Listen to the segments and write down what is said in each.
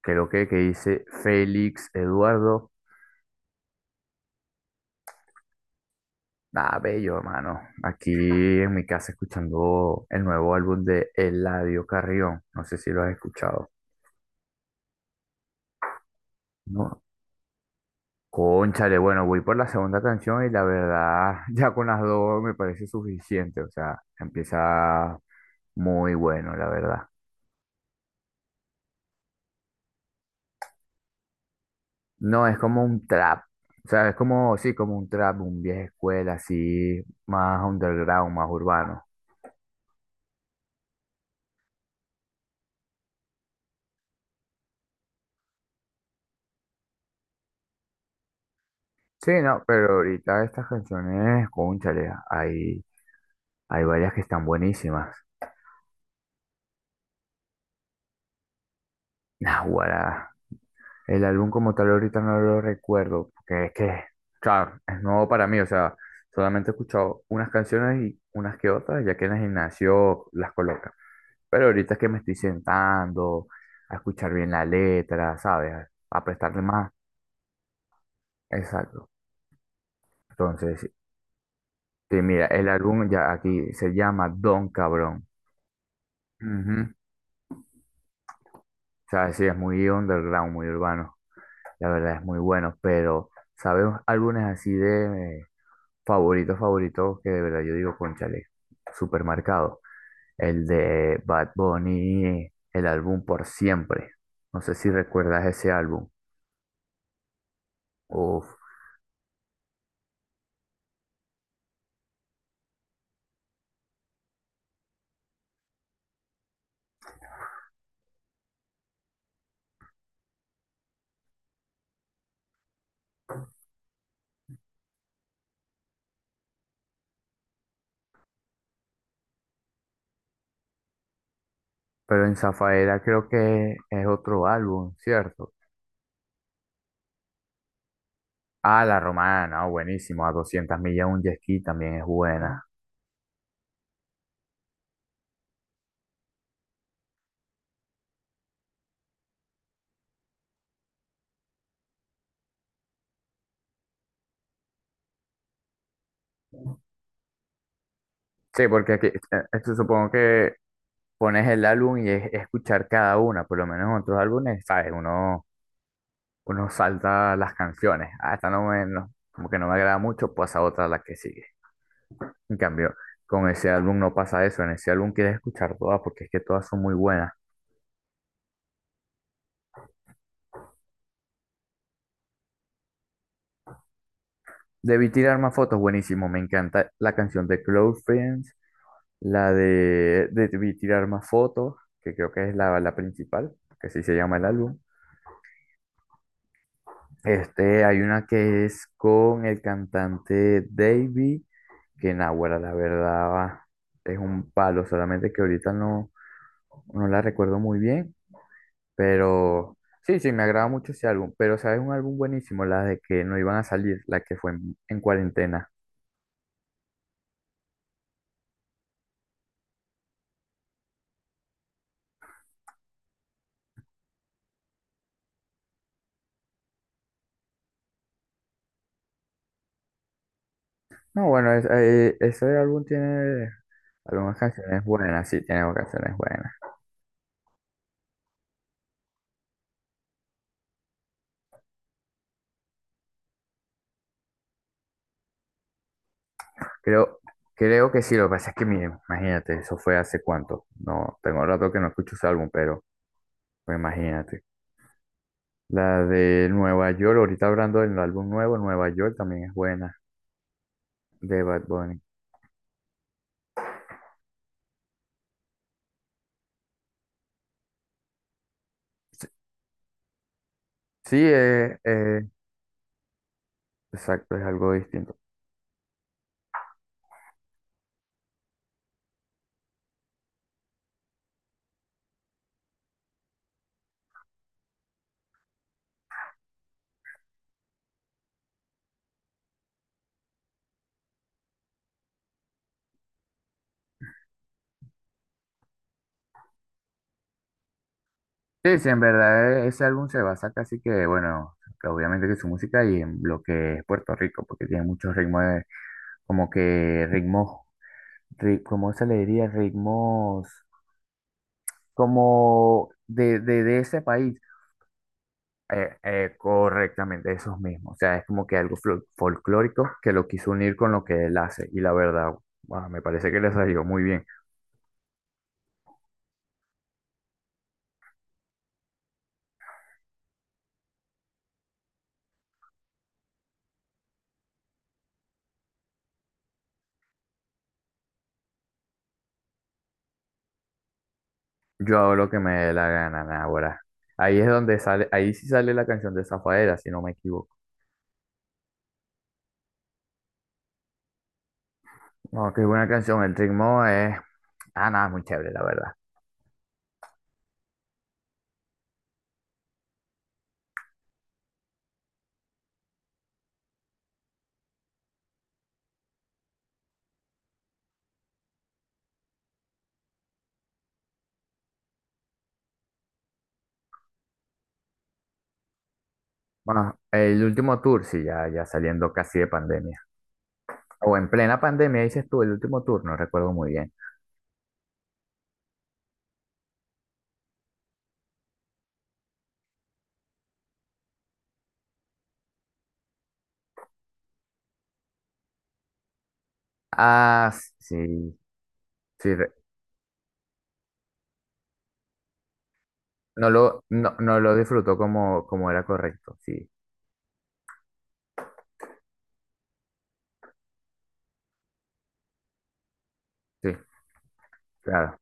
Creo que dice Félix Eduardo. Ah, bello, hermano. Aquí en mi casa escuchando el nuevo álbum de Eladio Carrión. No sé si lo has escuchado. No. Cónchale, bueno, voy por la segunda canción y la verdad, ya con las dos me parece suficiente. O sea, empieza muy bueno, la verdad. No, es como un trap. O sea, es como, sí, como un trap, un vieja escuela, así, más underground, más urbano. Sí, no, pero ahorita estas canciones, cónchale, hay varias que están buenísimas. Naguará. El álbum como tal ahorita no lo recuerdo, porque es que, claro, es nuevo para mí, o sea, solamente he escuchado unas canciones y unas que otras, ya que en el gimnasio las colocan. Pero ahorita es que me estoy sentando a escuchar bien la letra, ¿sabes? A prestarle más. Exacto. Entonces, sí, mira, el álbum ya aquí se llama Don Cabrón. Ujú. Sabes, sí, es muy underground, muy urbano. La verdad es muy bueno, pero ¿sabes álbumes así de favoritos, favoritos que de verdad yo digo, cónchale, súper marcado? El de Bad Bunny, el álbum Por Siempre. No sé si recuerdas ese álbum. Uf, pero en Zafaera creo que es otro álbum, ¿cierto? Ah, La Romana, oh, buenísimo. A 200 millas un jet ski también es buena. Sí, porque aquí, esto supongo que pones el álbum y es escuchar cada una, por lo menos en otros álbumes, ¿sabes? Uno salta las canciones, ah, esta no me, como que no me agrada mucho, pasa otra a la que sigue. En cambio, con ese álbum no pasa eso, en ese álbum quieres escuchar todas porque es que todas son muy buenas. Debí tirar más fotos, buenísimo, me encanta la canción de Close Friends, la de Debí Tirar Más Fotos, que creo que es la principal, que así se llama el álbum. Este, hay una que es con el cantante Davy, que Nahuara, la verdad, es un palo, solamente que ahorita no, no la recuerdo muy bien, pero sí, sí, me agrada mucho ese álbum, pero sabes, un álbum buenísimo, la de que no iban a salir, la que fue en cuarentena. No, bueno, ese álbum tiene algunas canciones buenas, sí, tiene canciones buenas. Creo, creo que sí, lo que pasa es que, miren, imagínate, eso fue hace cuánto, no, tengo rato que no escucho ese álbum, pero... Pues imagínate. La de Nueva York, ahorita hablando del álbum nuevo, Nueva York también es buena, de Bad Bunny. Sí, exacto, es algo distinto. Sí, sí, en verdad ese álbum se basa casi que, bueno, que obviamente que su música y en lo que es Puerto Rico, porque tiene muchos ritmos, como que ritmos, ¿cómo se le diría? Ritmos como de ese país. Correctamente, esos mismos. O sea, es como que algo folclórico que lo quiso unir con lo que él hace. Y la verdad, guau, me parece que le salió muy bien. Yo hago lo que me dé la gana, ahora. Ahí es donde sale, ahí sí sale la canción de Zafaera, si no me equivoco. No, qué buena canción. El ritmo es, ah, nada, es muy chévere, la verdad. Bueno, el último tour, sí, ya, ya saliendo casi de pandemia. O en plena pandemia, dices tú, el último tour, no recuerdo muy bien. Ah, sí, sí. No lo disfrutó como, como era correcto, sí, sí, claro.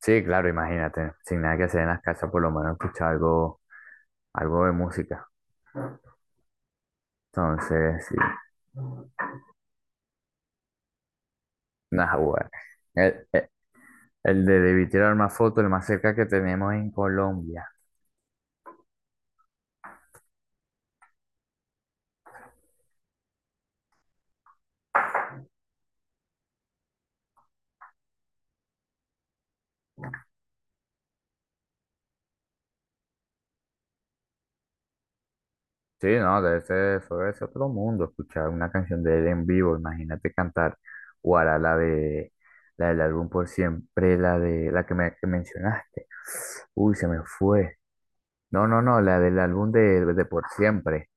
Sí, claro, imagínate, sin nada que hacer en las casas, por lo menos escuchar algo, algo de música. Entonces, sí, nah bueno. El, el, el de Debí Tirar Más Fotos, el más cerca que tenemos en Colombia. Sí, no, de ese, fue ese otro mundo, escuchar una canción de él en vivo, imagínate cantar Guara, la del álbum Por Siempre, la que me que mencionaste. Uy, se me fue. No, no, no, la del álbum de Por Siempre.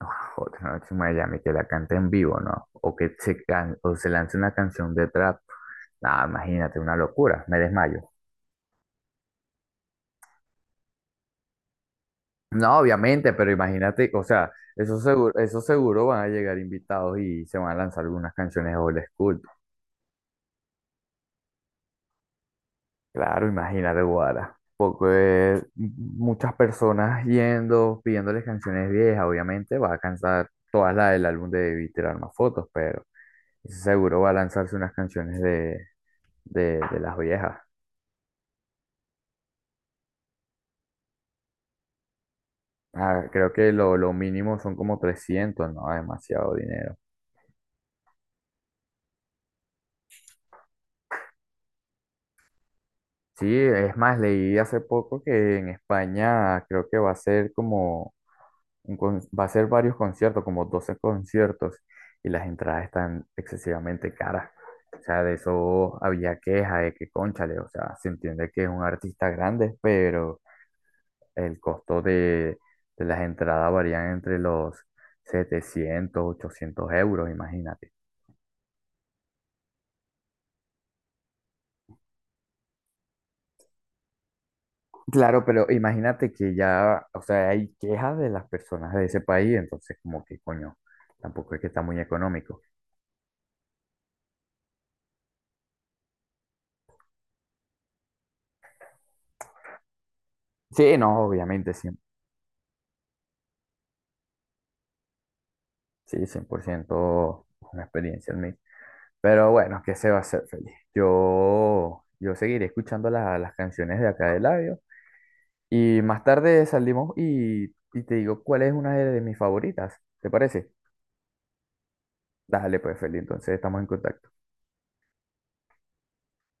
No, Otra Noche en Miami, que la cante en vivo, ¿no? O que o se lance una canción de trap. Ah, imagínate, una locura, me desmayo. No, obviamente, pero imagínate, o sea, eso seguro van a llegar invitados y se van a lanzar algunas canciones old school. Claro, imagínate, Guara. Porque muchas personas yendo, pidiéndoles canciones viejas, obviamente va a cansar todas las del álbum de y tirar más fotos, pero. Seguro va a lanzarse unas canciones de, de las viejas. Ah, creo que lo mínimo son como trescientos, no, demasiado dinero. Sí, es más, leí hace poco que en España creo que va a ser como, va a ser varios conciertos, como 12 conciertos, y las entradas están excesivamente caras. O sea, de eso había queja de que, cónchale, o sea, se entiende que es un artista grande, pero el costo de las entradas varían entre los 700 800 euros, imagínate. Claro, pero imagínate que ya, o sea, hay quejas de las personas de ese país, entonces como que coño, tampoco es que está muy económico. Sí, no, obviamente, sí, sí, 100% una experiencia en mí. Pero bueno, que se va a hacer, feliz? Yo seguiré escuchando las canciones de acá de Labio y más tarde salimos y te digo cuál es una de mis favoritas, ¿te parece? Dale, pues, Feli, entonces estamos en contacto.